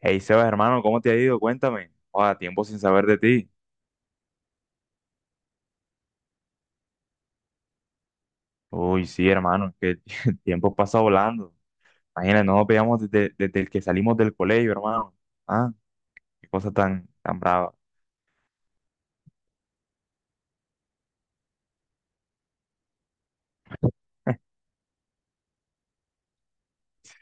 Hey Sebas, hermano, ¿cómo te ha ido? Cuéntame. Joda, tiempo sin saber de ti. Uy, sí, hermano, es que el tiempo pasa volando. Imagínate, no nos veíamos desde el que salimos del colegio, hermano. Ah, qué cosa tan brava.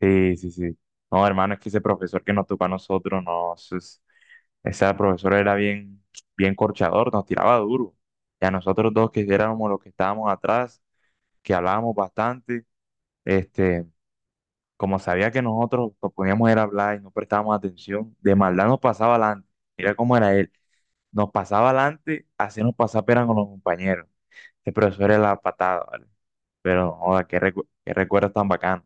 Sí. No, hermano, es que ese profesor que nos tocó a nosotros, no, ese profesor era bien corchador, nos tiraba duro. Y a nosotros dos que éramos los que estábamos atrás, que hablábamos bastante, este. Como sabía que nosotros nos poníamos era a hablar y no prestábamos atención, de maldad nos pasaba adelante. Mira cómo era él. Nos pasaba adelante, hacíamos pasar pena con los compañeros. Ese profesor era la patada, ¿vale? Pero, joda, qué recuerdos tan bacanos.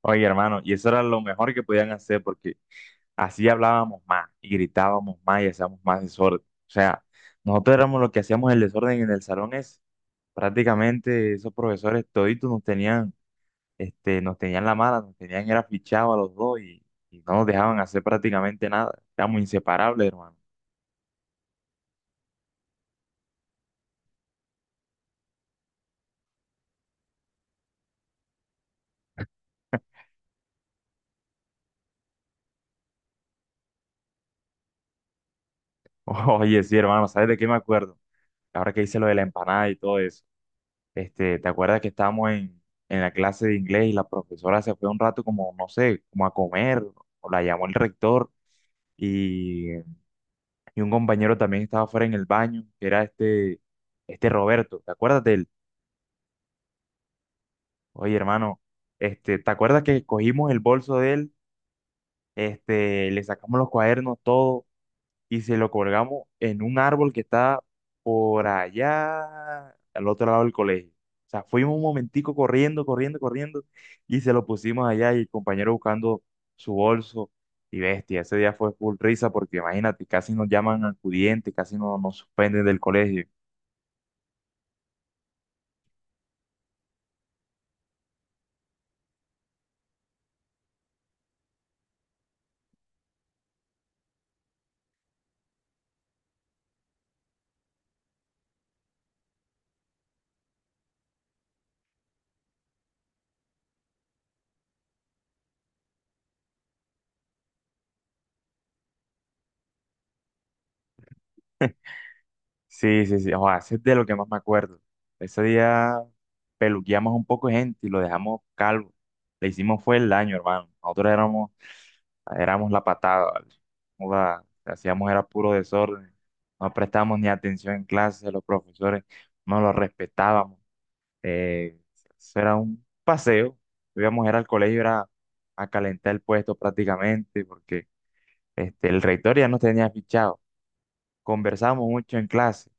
Oye, hermano, y eso era lo mejor que podían hacer porque así hablábamos más y gritábamos más y hacíamos más desorden. O sea, nosotros éramos los que hacíamos el desorden en el salón ese. Prácticamente esos profesores toditos nos tenían la mala, nos tenían era fichado a los dos y no nos dejaban hacer prácticamente nada. Éramos inseparables, hermano. Oye, sí, hermano, ¿sabes de qué me acuerdo? Ahora que hice lo de la empanada y todo eso. ¿Te acuerdas que en la clase de inglés y la profesora se fue un rato como, no sé, como a comer, o la llamó el rector y, y un compañero también estaba fuera en el baño, que era este Roberto, ¿te acuerdas de él? Oye, hermano, ¿te acuerdas que cogimos el bolso de él? Le sacamos los cuadernos, todo, y se lo colgamos en un árbol que está por allá, al otro lado del colegio. O sea, fuimos un momentico corriendo, corriendo, y se lo pusimos allá, y el compañero buscando su bolso, y bestia, ese día fue full risa, porque imagínate, casi nos llaman acudientes, casi nos suspenden del colegio. Sí, sí, o sea, ese es de lo que más me acuerdo. Ese día peluqueamos un poco de gente y lo dejamos calvo. Le hicimos fue el daño, hermano. Nosotros éramos la patada, ¿vale? Joda, hacíamos era puro desorden, no prestábamos ni atención en clase, los profesores no los respetábamos, eh, eso era un paseo, íbamos era al colegio, era a calentar el puesto prácticamente, porque el rector ya nos tenía fichado, conversábamos mucho en clase,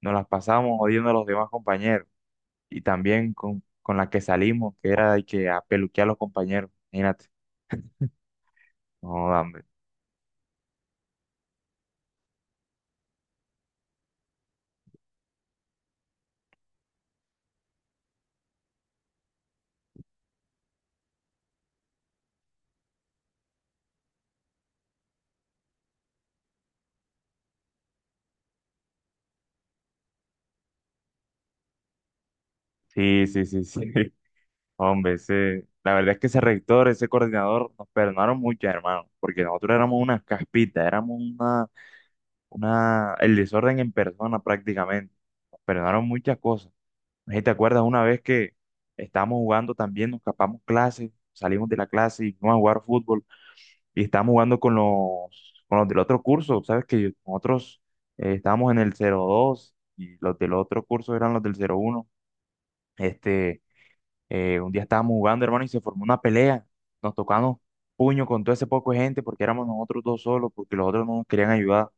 nos las pasábamos odiando a los demás compañeros, y también con la que salimos, que era de que a peluquear a los compañeros, imagínate, no, hombre, sí, sí, sí, hombre, ese, la verdad es que ese rector, ese coordinador, nos perdonaron mucho, hermano, porque nosotros éramos unas caspitas, éramos una, el desorden en persona prácticamente. Nos perdonaron muchas cosas. No sé si te acuerdas una vez que estábamos jugando también, nos escapamos clases, salimos de la clase y fuimos a jugar fútbol y estábamos jugando con con los del otro curso, ¿sabes? Que nosotros estábamos en el cero dos y los del otro curso eran los del cero uno. Este un día estábamos jugando, hermano, y se formó una pelea. Nos tocamos puño con todo ese poco de gente porque éramos nosotros dos solos, porque los otros no nos querían ayudar.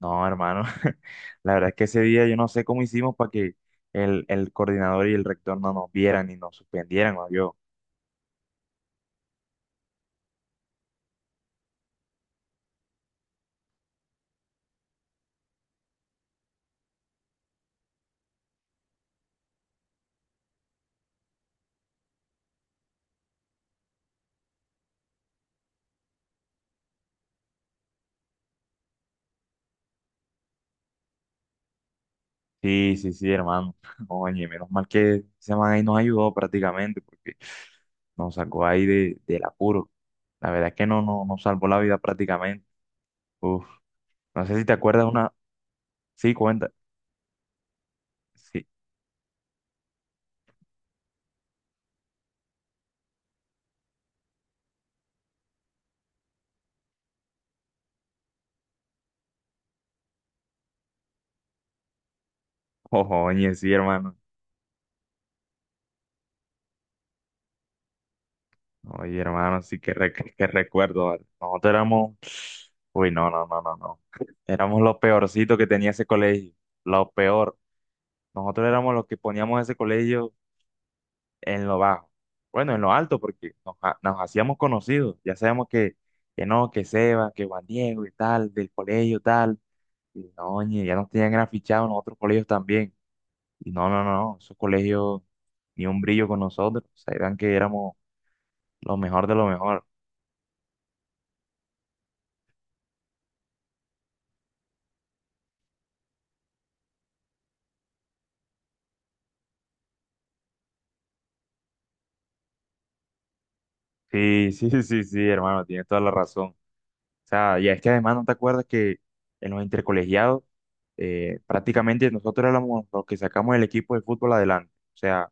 No, hermano, la verdad es que ese día yo no sé cómo hicimos para que el coordinador y el rector no nos vieran ni nos suspendieran, o yo. Sí, sí, sí, hermano. Oye, menos mal que ese man ahí nos ayudó prácticamente porque nos sacó ahí del apuro. La verdad es que no, nos salvó la vida prácticamente. Uf, no sé si te acuerdas una. Sí, cuenta. Sí. Oye, sí, hermano. Oye, hermano, sí que recuerdo, ¿vale? Nosotros éramos. Uy, no, no, no, no, no. Éramos lo peorcito que tenía ese colegio. Lo peor. Nosotros éramos los que poníamos ese colegio en lo bajo. Bueno, en lo alto, porque nos hacíamos conocidos. Ya sabemos que no, que Seba, que Juan Diego y tal, del colegio tal. Y no, oye, ya nos tenían gran fichados en otros colegios también. Y no, no, no, no. Esos colegios ni un brillo con nosotros. O sea, eran que éramos lo mejor de lo mejor. Sí, sí, sí, sí, hermano, tienes toda la razón. O sea, y es que además no te acuerdas que en los intercolegiados prácticamente nosotros éramos los que sacamos el equipo de fútbol adelante. O sea,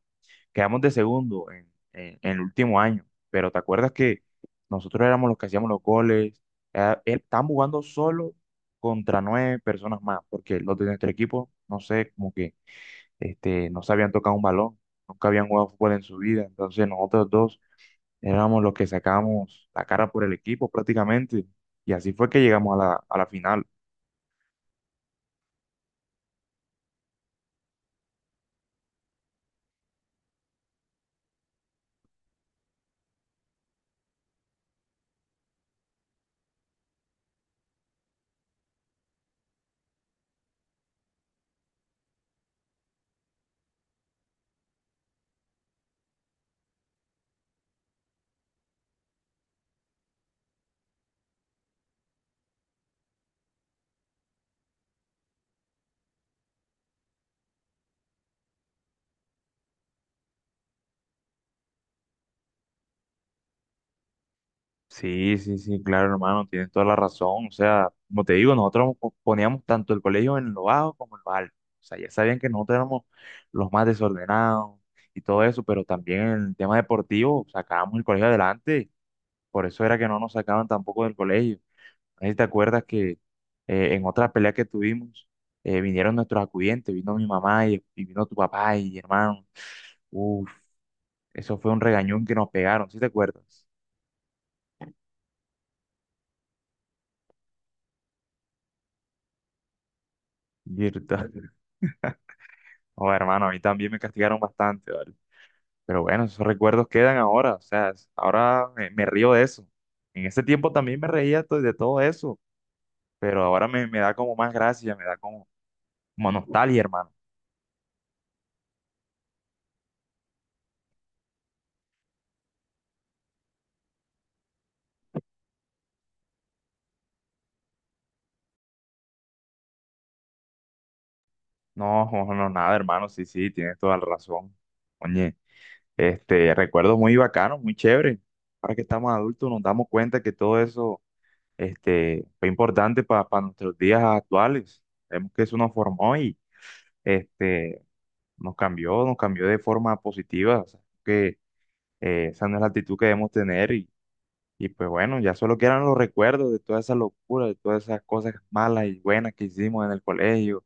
quedamos de segundo en el último año, pero te acuerdas que nosotros éramos los que hacíamos los goles. Estaban jugando solo contra nueve personas más, porque los de nuestro equipo, no sé, como que no se habían tocado un balón, nunca habían jugado fútbol en su vida. Entonces nosotros dos éramos los que sacábamos la cara por el equipo prácticamente. Y así fue que llegamos a a la final. Sí, sí, sí, claro, hermano, tienes toda la razón. O sea, como te digo, nosotros poníamos tanto el colegio en lo bajo como en lo alto. O sea, ya sabían que nosotros éramos los más desordenados y todo eso, pero también en el tema deportivo sacábamos el colegio adelante. Por eso era que no nos sacaban tampoco del colegio. No sé si te acuerdas que en otra pelea que tuvimos, vinieron nuestros acudientes, vino mi mamá y vino tu papá y mi hermano. Uf, eso fue un regañón que nos pegaron, ¿sí te acuerdas? Virtual. Oh, hermano, a mí también me castigaron bastante, ¿vale? Pero bueno, esos recuerdos quedan ahora, o sea, ahora me río de eso. En ese tiempo también me reía de todo eso, pero ahora me da como más gracia, me da como, como nostalgia, hermano. No, no, no, nada, hermano, sí, sí, tienes toda la razón. Oye, recuerdos muy bacanos, muy chévere. Ahora que estamos adultos nos damos cuenta que todo eso fue importante para nuestros días actuales. Vemos que eso nos formó y este, nos cambió de forma positiva. O sea, que esa no es la actitud que debemos tener y pues bueno, ya solo quedan los recuerdos de toda esa locura de todas esas cosas malas y buenas que hicimos en el colegio,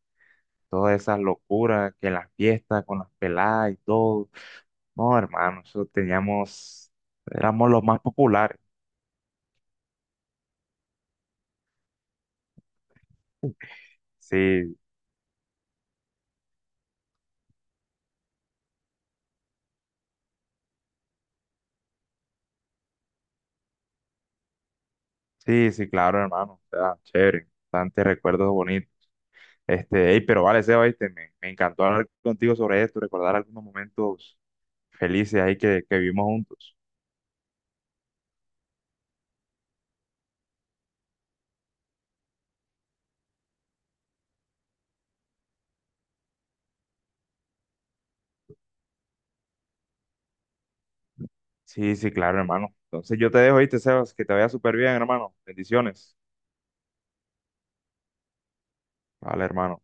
todas esas locuras que en las fiestas con las peladas y todo. No, hermano, eso teníamos, éramos los más populares. Sí, sí, sí, claro, hermano. O sea, chévere, bastante recuerdos bonitos. Este, hey, pero vale, Seba, oíste, me encantó hablar contigo sobre esto, recordar algunos momentos felices ahí que vivimos juntos. Sí, sí, claro, hermano. Entonces yo te dejo, ¿viste, Sebas? Que te vaya súper bien, hermano. Bendiciones. Vale, hermano.